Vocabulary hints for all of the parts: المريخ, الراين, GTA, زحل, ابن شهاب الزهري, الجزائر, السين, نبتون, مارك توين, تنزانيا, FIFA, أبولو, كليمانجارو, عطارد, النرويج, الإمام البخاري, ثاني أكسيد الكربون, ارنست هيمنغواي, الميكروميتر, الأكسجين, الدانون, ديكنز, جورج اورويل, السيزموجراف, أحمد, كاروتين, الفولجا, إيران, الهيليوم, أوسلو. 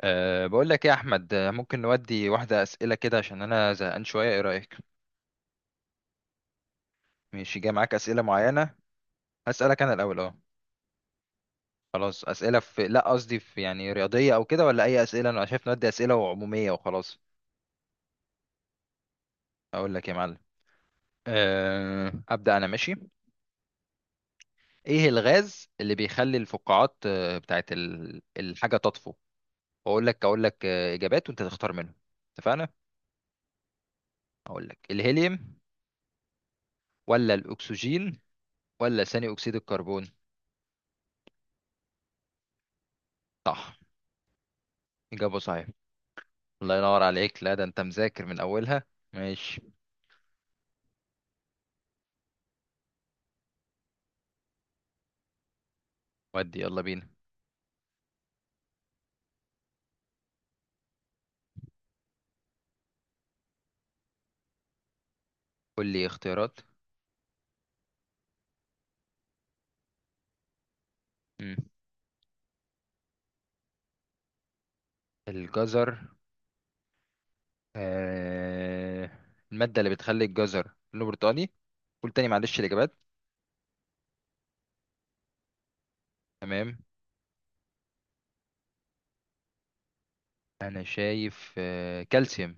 بقول لك إيه يا أحمد، ممكن نودي واحدة أسئلة كده عشان أنا زهقان شوية، إيه رأيك؟ مش جاي معاك أسئلة معينة؟ أسألك أنا الأول، أه. خلاص، أسئلة في لا قصدي في يعني رياضية أو كده ولا أي أسئلة؟ أنا شايف نودي أسئلة عمومية وخلاص. أقول لك يا معلم. أه أبدأ أنا، ماشي. إيه الغاز اللي بيخلي الفقاعات بتاعت الحاجة تطفو؟ أقول لك إجابات وأنت تختار منهم. اتفقنا؟ أقول لك، الهيليوم ولا الأكسجين ولا ثاني أكسيد الكربون؟ صح. إجابة صحيحة. الله ينور عليك، لا ده انت مذاكر من اولها. ماشي، ودي يلا بينا. قول لي اختيارات. مم. الجزر. آه... المادة اللي بتخلي الجزر لونه برتقاني. قول تاني معلش الاجابات. تمام. انا شايف كالسيوم.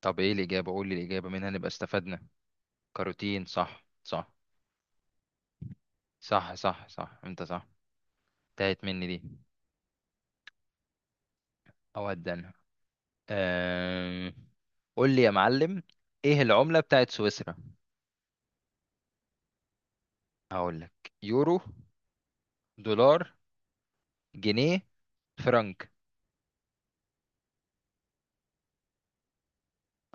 طب ايه الاجابة، قول لي الاجابة منها نبقى استفدنا. كاروتين، صح صح. صح صح صح، انت صح. انتهت مني دي. اود انا. آه... قول لي يا معلم، ايه العملة بتاعت سويسرا؟ هقول لك، يورو، دولار، جنيه، فرنك.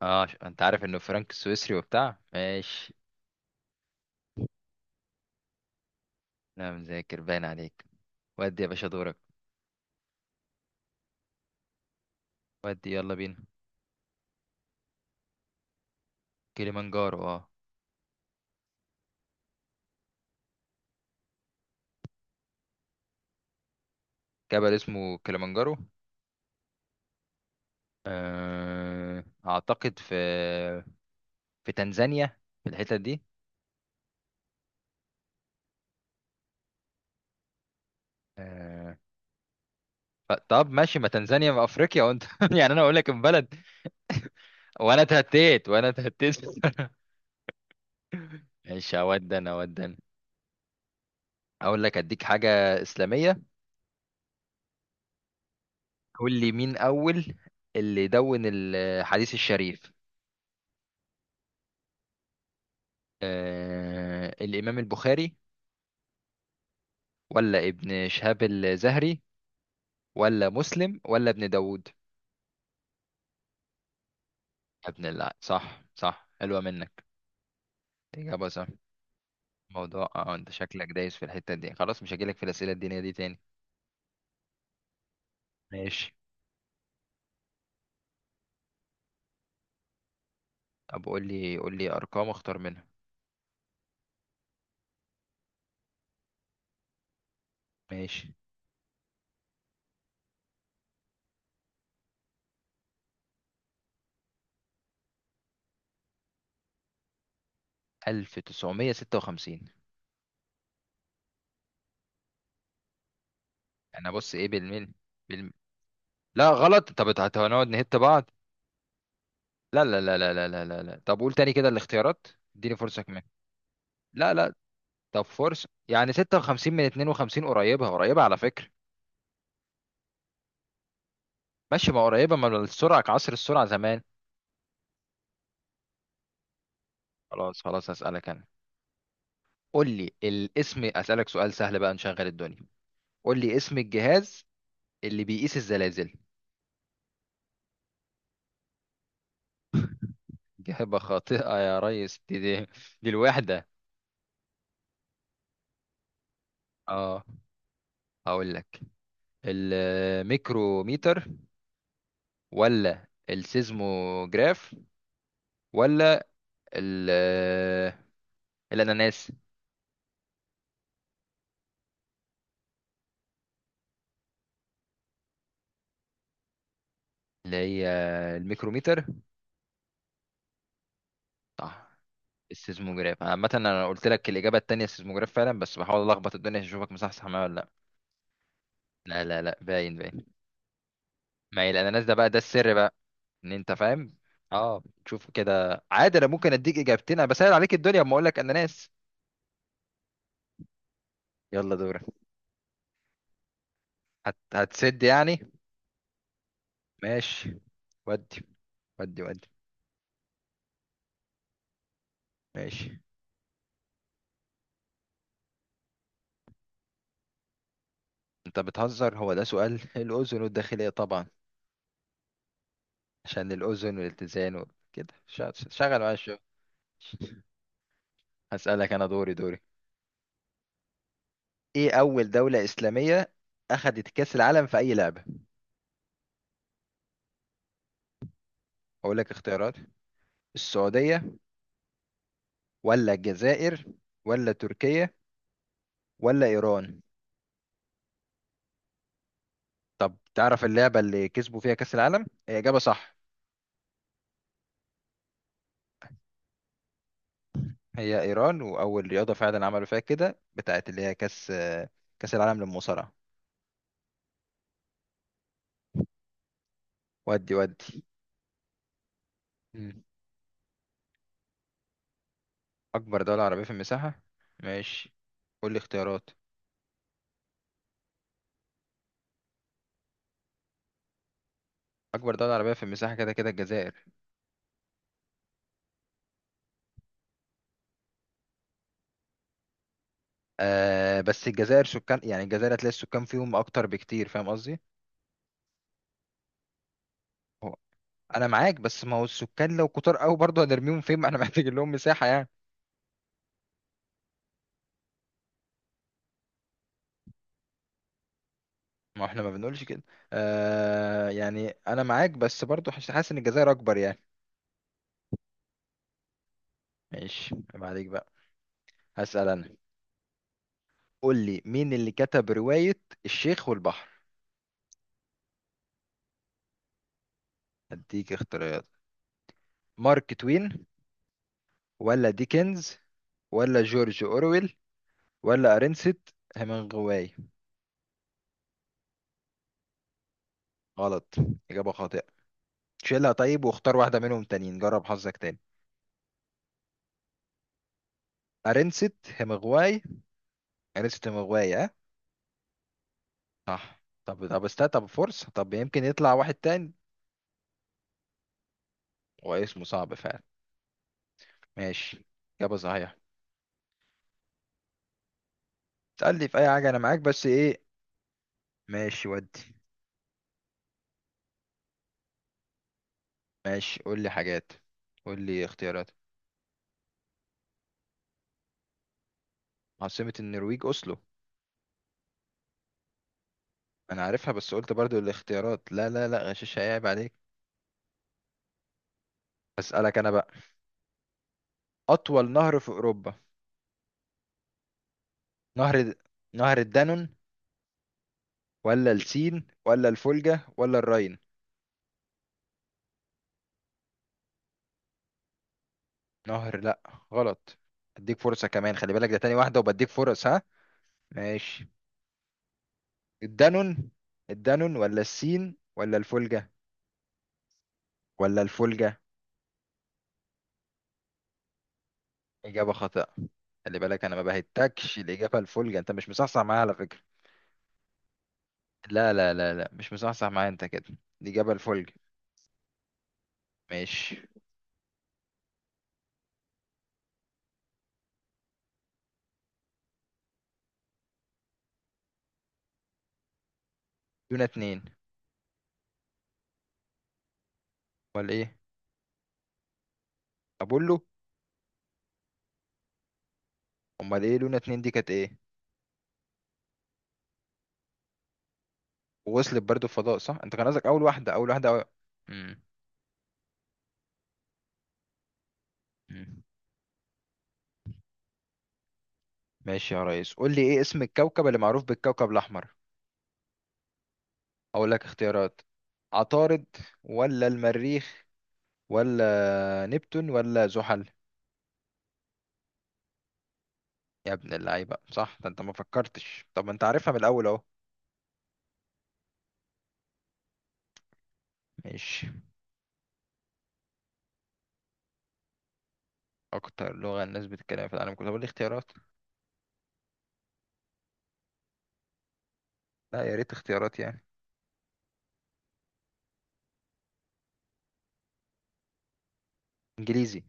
انت عارف انه فرنك سويسري وبتاع، ماشي. لا، مذاكر باين عليك. ودي يا باشا دورك. ودي يلا بينا. كليمانجارو، اه. جبل اسمه كليمانجارو. اعتقد في، في تنزانيا، في الحتة دي. آه. طب ماشي، ما تنزانيا في افريقيا وانت يعني انا اقول لك البلد. وانا اتهتيت وانا اتهتيت. ماشي، اودن اودن. اقول لك اديك حاجة اسلامية. قول لي مين أول اللي دون الحديث الشريف؟ آه الإمام البخاري ولا ابن شهاب الزهري ولا مسلم ولا ابن داود؟ يا ابن الله، صح صح، حلوة منك. إجابة صح. موضوع، انت شكلك دايس في الحتة دي، خلاص مش هجيلك في الأسئلة الدينية دي تاني. ماشي. طب قول لي أرقام أختار منها. ماشي. 1956. أنا بص إيه بالميل. بال... لا غلط. طب هنقعد نهت بعض. لا لا لا لا لا لا لا لا، طب قول تاني كده الاختيارات. اديني فرصة كمان. لا لا. طب فرصة يعني، 56 من 52 قريبة، قريبة على فكرة. ماشي، ما قريبة، ما السرعة كعصر السرعة زمان. خلاص خلاص، هسألك أنا. قول لي الاسم، أسألك سؤال سهل بقى نشغل الدنيا. قول لي اسم الجهاز اللي بيقيس الزلازل. إجابة خاطئة يا ريس، دي الوحدة. اه. هقول لك، الميكروميتر ولا السيزموجراف ولا الاناناس. اللي هي الميكروميتر. صح، السيزموجراف. عامة انا قلت لك الاجابة التانية السيزموجراف فعلا، بس بحاول الخبط الدنيا عشان اشوفك مصحصح معايا ولا. لا لا لا لا، باين باين. ما هي الاناناس ده بقى، ده السر بقى، ان انت فاهم. اه شوف كده عادي، انا ممكن اديك اجابتين، انا بسهل عليك الدنيا اما اقول لك اناناس. يلا دورك. هتسد يعني. ماشي. ودي ودي ودي. ماشي. انت بتهزر، هو ده سؤال؟ الاذن والداخلية طبعا. عشان الاذن والاتزان كده. شغل معايا الشغل. هسألك أنا، دوري دوري. إيه أول دولة إسلامية أخذت كأس العالم في أي لعبة؟ أقول لك اختيارات. السعودية ولا الجزائر ولا تركيا ولا إيران؟ طب تعرف اللعبة اللي كسبوا فيها كأس العالم؟ هي إجابة صح. هي إيران، وأول رياضة فعلا عملوا فيها كده بتاعت اللي هي كأس، كأس العالم للمصارعة. ودي ودي. مم. أكبر دولة عربية في المساحة؟ ماشي، قول لي اختيارات. أكبر دولة عربية في المساحة كده كده الجزائر. آه بس الجزائر سكان يعني، الجزائر هتلاقي السكان فيهم اكتر بكتير، فاهم قصدي؟ هو انا معاك، بس ما هو السكان لو كتار قوي برضه هنرميهم فين؟ ما احنا محتاجين لهم مساحه يعني. ما احنا ما بنقولش كده. آه يعني انا معاك، بس برضه حاسس، حاسس ان الجزائر اكبر يعني. ماشي، ما عليك بقى، هسأل انا. قول لي مين اللي كتب روايه الشيخ والبحر؟ هديك اختيارات. مارك توين ولا ديكنز ولا جورج اورويل ولا ارنست هيمنغواي؟ غلط، اجابه خاطئه، شيلها طيب واختار واحدة منهم تانيين، جرب حظك تاني. أرنست همغواي، أرنست همغواي، اه. صح. طب طب استا، طب فرصة، طب يمكن يطلع واحد تاني. هو اسمه صعب فعلا. ماشي، إجابة صحيحة. اسألني في أي حاجة، أنا معاك، بس إيه؟ ماشي ودي. ماشي، قول لي حاجات، قول لي اختيارات. عاصمة النرويج أوسلو. أنا عارفها بس قلت برضو الاختيارات، لا لا لا غشاش هيعيب عليك. أسألك أنا بقى، أطول نهر في أوروبا. نهر، نهر الدانون ولا السين ولا الفولجا ولا الراين؟ نهر، لا، غلط. اديك فرصة كمان، خلي بالك ده تاني واحدة وبديك فرص، ها؟ ماشي. الدانون. الدانون ولا السين ولا الفولجة، ولا الفولجة. إجابة خاطئة، خلي بالك أنا ما بهتكش الإجابة الفولجة، أنت مش مصحصح معايا على فكرة. لا لا لا لا، مش مصحصح معايا أنت كده. الإجابة الفولجة. ماشي. لونا 2. ولا إيه؟ أبولو. أمال إيه لونا اتنين دي كانت إيه؟ ووصلت برضو الفضاء صح، أنت كان قصدك أول واحدة، أول واحدة، أول... مم. مم. ماشي يا ريس، قول لي ايه اسم الكوكب اللي معروف بالكوكب الاحمر. اقول لك اختيارات. عطارد ولا المريخ ولا نبتون ولا زحل؟ يا ابن اللعيبه صح، ده انت ما فكرتش، طب ما انت عارفها من الاول اهو. ماشي. اكتر لغه الناس بتتكلم في العالم كله، طب قول لي اختيارات. لا يا ريت اختيارات يعني. انجليزي.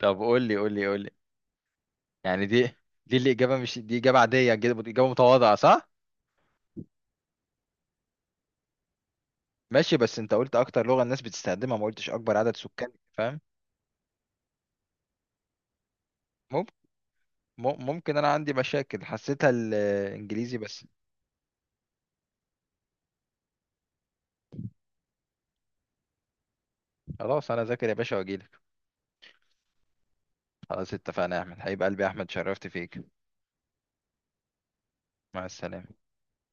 طب قول لي. يعني دي، دي الاجابه، مش دي اجابه عاديه، اجابه متواضعه، صح؟ ماشي، بس انت قلت اكتر لغه الناس بتستخدمها، ما قلتش اكبر عدد سكان، فاهم. ممكن انا عندي مشاكل، حسيتها الانجليزي بس. خلاص، انا ذاكر يا باشا واجيلك. خلاص اتفقنا يا احمد، حبيب قلبي يا احمد، شرفت فيك. مع السلامة.